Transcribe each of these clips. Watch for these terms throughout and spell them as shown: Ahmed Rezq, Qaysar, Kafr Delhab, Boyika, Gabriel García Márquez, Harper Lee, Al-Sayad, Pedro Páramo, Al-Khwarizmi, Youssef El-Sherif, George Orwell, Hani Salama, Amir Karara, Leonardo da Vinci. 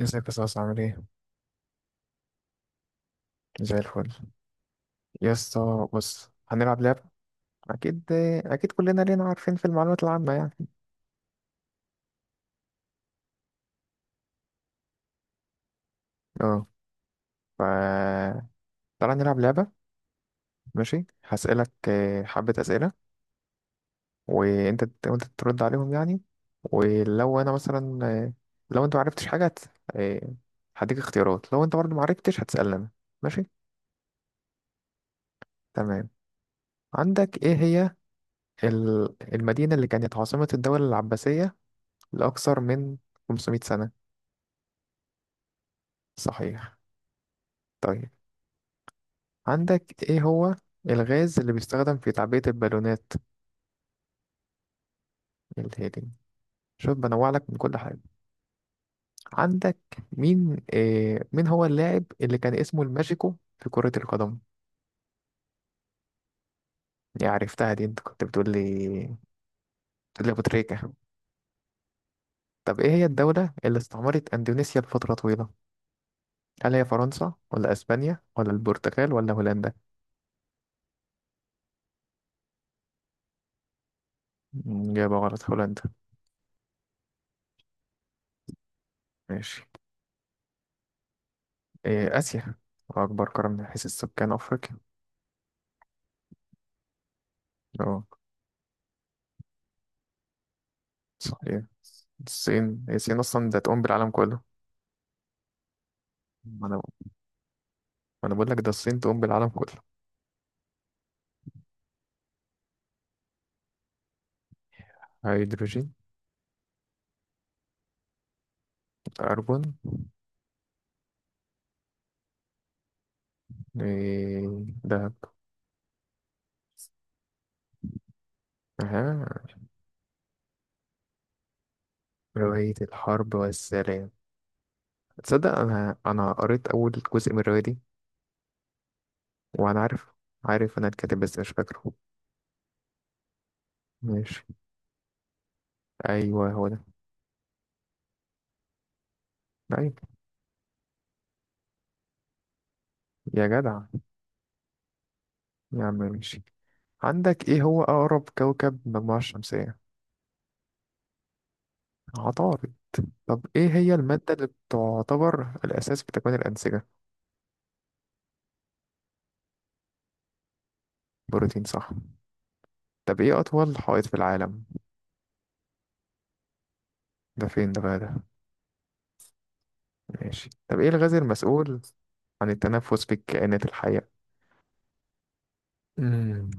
ازيك يا صاصة؟ عامل ايه؟ زي الفل. يا اسطى بص، هنلعب لعبة. أكيد أكيد، كلنا لينا عارفين في المعلومات العامة يعني. اه. ف تعالى نلعب لعبة. ماشي، هسألك حبة أسئلة، وانت ترد عليهم يعني. ولو أنا مثلا لو انت معرفتش حاجة آه، هديك اختيارات، لو انت برضه معرفتش هتسألني أنا. ماشي، تمام. عندك ايه هي المدينة اللي كانت عاصمة الدولة العباسية لأكثر من 500 سنة؟ صحيح. طيب، عندك ايه هو الغاز اللي بيستخدم في تعبئة البالونات؟ الهيليوم. شوف، بنوع لك من كل حاجة. عندك مين هو اللاعب اللي كان اسمه الماجيكو في كرة القدم؟ دي عرفتها، دي انت كنت بتقول لي، بتقول لي ابو تريكة. طب ايه هي الدولة اللي استعمرت اندونيسيا لفترة طويلة؟ هل هي فرنسا، ولا اسبانيا، ولا البرتغال، ولا هولندا؟ مم، إجابة غلط، هولندا. ماشي. إيه، آسيا. أكبر قارة من حيث السكان أفريقيا. أه، صحيح. الصين هي الصين، أصلا ده تقوم بالعالم كله. ما أنا ما أنا بقول لك، ده الصين تقوم بالعالم كله. هيدروجين. كربون. إيه، دهب. أها. رواية الحرب والسلام، تصدق أنا قريت أول جزء من الرواية دي. وأنا عارف، عارف أنا الكاتب بس مش فاكره. ماشي. أيوه هو ده. أيوه. يا جدع. يا عم ماشي. عندك إيه هو أقرب كوكب للمجموعة الشمسية؟ عطارد. طب إيه هي المادة اللي بتعتبر الأساس في تكوين الأنسجة؟ بروتين، صح. طب ايه أطول حائط في العالم؟ ده فين ده بقى ده؟ ماشي. طب ايه الغاز المسؤول عن التنفس بالكائنات الحية؟ مم.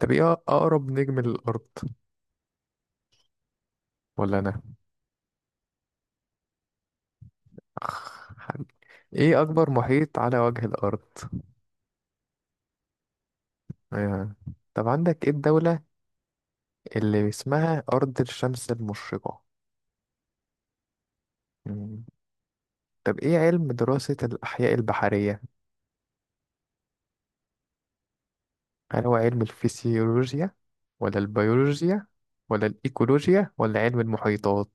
طب ايه أقرب نجم للأرض؟ ولا أنا. أخ، حبيبي. ايه أكبر محيط على وجه الأرض؟ آه. طب عندك ايه الدولة اللي اسمها أرض الشمس المشرقة؟ مم. طب ايه علم دراسة الأحياء البحرية؟ هل هو علم الفسيولوجيا، ولا البيولوجيا، ولا الإيكولوجيا، ولا علم المحيطات؟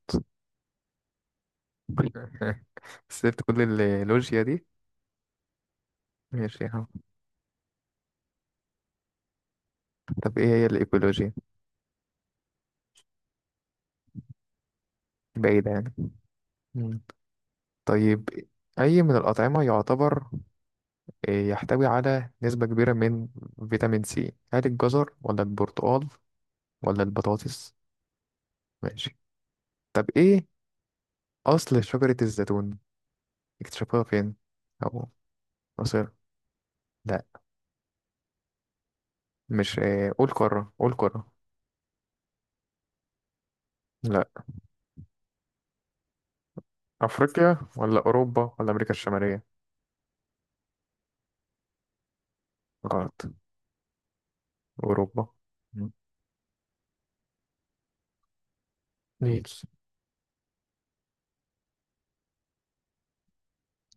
سبت كل اللوجيا دي. ماشي يا عم. طب ايه هي الايكولوجيا؟ بعيدة يعني. مم. طيب، اي من الأطعمة يعتبر يحتوي على نسبة كبيرة من فيتامين سي؟ هل الجزر، ولا البرتقال، ولا البطاطس؟ ماشي. طب ايه اصل شجرة الزيتون، اكتشفوها فين؟ او مصر؟ لا، مش قول قارة، قول قارة. لا. افريقيا، ولا اوروبا، ولا امريكا الشمالية؟ غلط. اوروبا. مم. ليه؟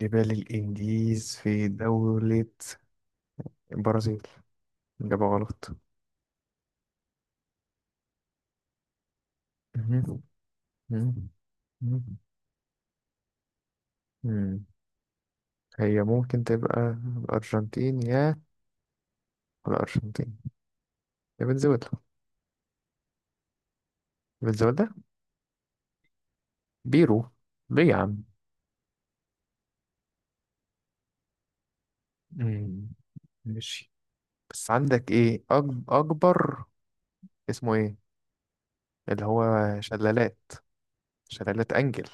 جبال الإنديز في دولة البرازيل. إجابة غلط. مهم. مهم. مهم. مم. هي ممكن تبقى الأرجنتين، يا الأرجنتين، يا فنزويلا. فنزويلا. بيرو. ليه يا عم؟ مم. ماشي. بس عندك إيه أكبر. اسمه إيه؟ اللي هو شلالات، شلالات أنجل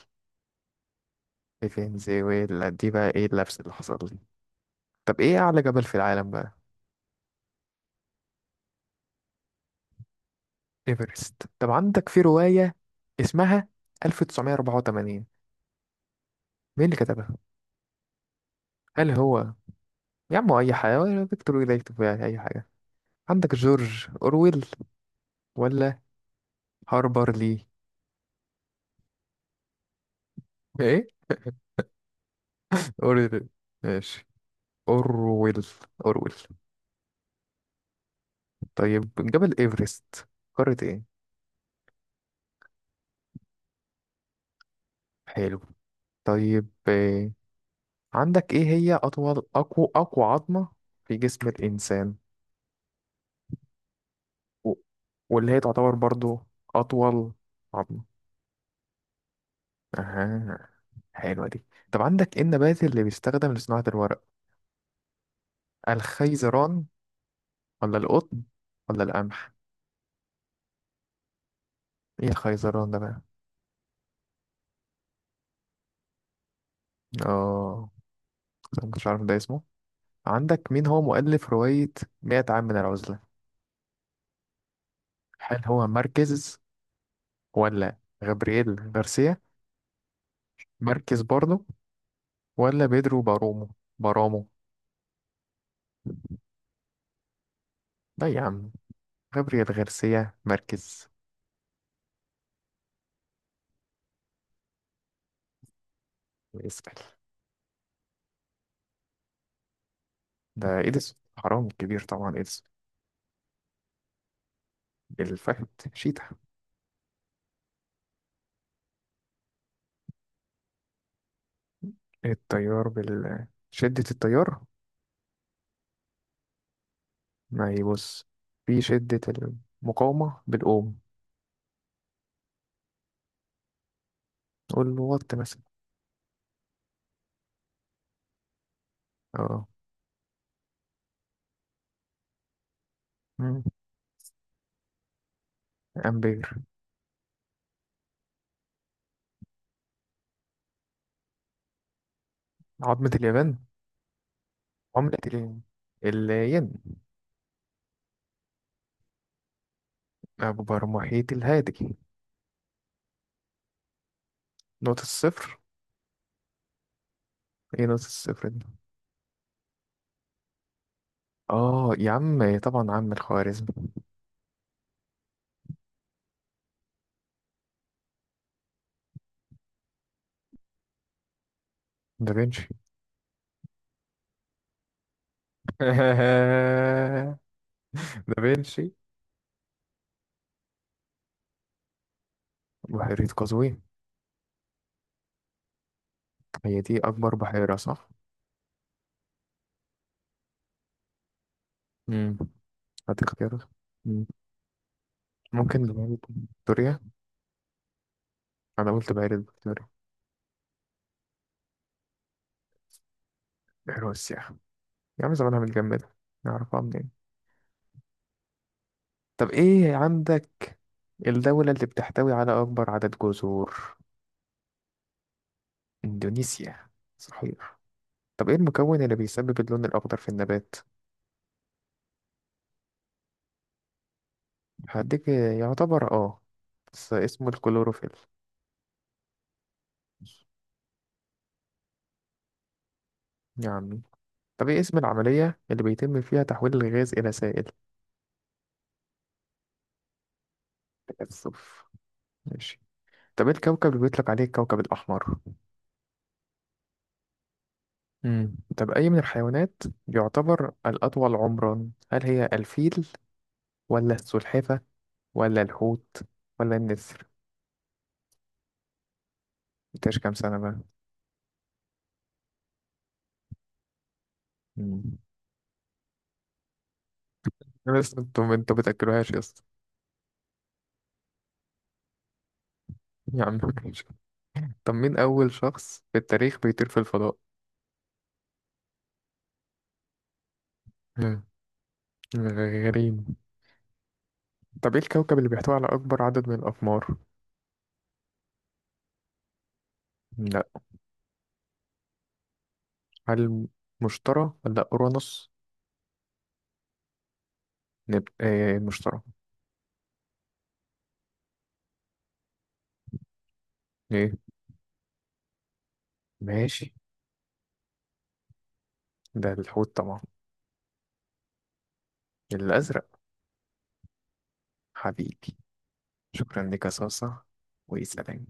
في فنزويلا. دي بقى إيه اللبس اللي حصل لي. طب إيه أعلى جبل في العالم بقى؟ ايفرست. طب عندك في رواية اسمها 1984، مين اللي كتبها؟ هل هو، يا عم أي حاجة، ولا فيكتور ده يكتب يعني أي حاجة؟ عندك جورج أورويل ولا هاربر لي؟ إيه؟ أورويل. ماشي. أورويل. أورويل. طيب جبل إيفرست قارة إيه؟ حلو. طيب عندك إيه هي أطول، أقوى عظمة في جسم الإنسان، و- واللي هي تعتبر برضو أطول عظمة؟ أها، حلوة دي. طب عندك ايه النبات اللي بيستخدم لصناعة الورق؟ الخيزران، ولا القطن، ولا القمح؟ ايه الخيزران ده بقى؟ اه، أنا مكنتش عارف ده اسمه. عندك مين هو مؤلف رواية 100 عام من العزلة؟ هل هو ماركيز، ولا غابرييل غارسيا ماركيز برضه، ولا بيدرو بارومو؟ بارامو. لا يا عم، غابرييل غارسيا ماركيز. اسأل. ده إيديسون، حرام كبير طبعا إيديسون. الفهد، شيتا. التيار بال شدة التيار. ما هي بص، في شدة المقاومة بالأوم. نقول له وات مثلا. اه. مم. أمبير. عظمة اليابان. عملة الين. الين. أكبر محيط الهادي. نقطة الصفر. ايه نقطة الصفر دي؟ اه يا عم، طبعا عم الخوارزمي. دافنشي. دافنشي. بحيرة قزوين. هي دي أكبر بحيرة صح؟ مم. هديك اختيارات. مم. ممكن بحيرة فيكتوريا. أنا قلت بحيرة فيكتوريا. حلوة السياحة، يا عم زمانها متجمدة. نعرفها منين؟ طب ايه عندك الدولة اللي بتحتوي على أكبر عدد جزر؟ إندونيسيا. صحيح. طب ايه المكون اللي بيسبب اللون الأخضر في النبات؟ هديك يعتبر اه، بس اسمه الكلوروفيل. يا عمي. طب ايه اسم العملية اللي بيتم فيها تحويل الغاز إلى سائل؟ تكثف. ماشي. طب ايه الكوكب اللي بيطلق عليه الكوكب الأحمر؟ مم. طب أي من الحيوانات يعتبر الأطول عمرا؟ هل هي الفيل، ولا السلحفة، ولا الحوت، ولا النسر؟ مبقاش كام سنة بقى. مم. بس انتوا بتأكلوهاش يا اسطى. يا عم ماشي. طب مين أول شخص في التاريخ بيطير في الفضاء؟ مم. غريب. طب ايه الكوكب اللي بيحتوي على أكبر عدد من الأقمار؟ لا. هل مشتري ولا أورانوس؟ ايه المشتري. ايه. ماشي. ده الحوت طبعا، الأزرق. حبيبي. شكرا لك يا صاصة. ويسلم.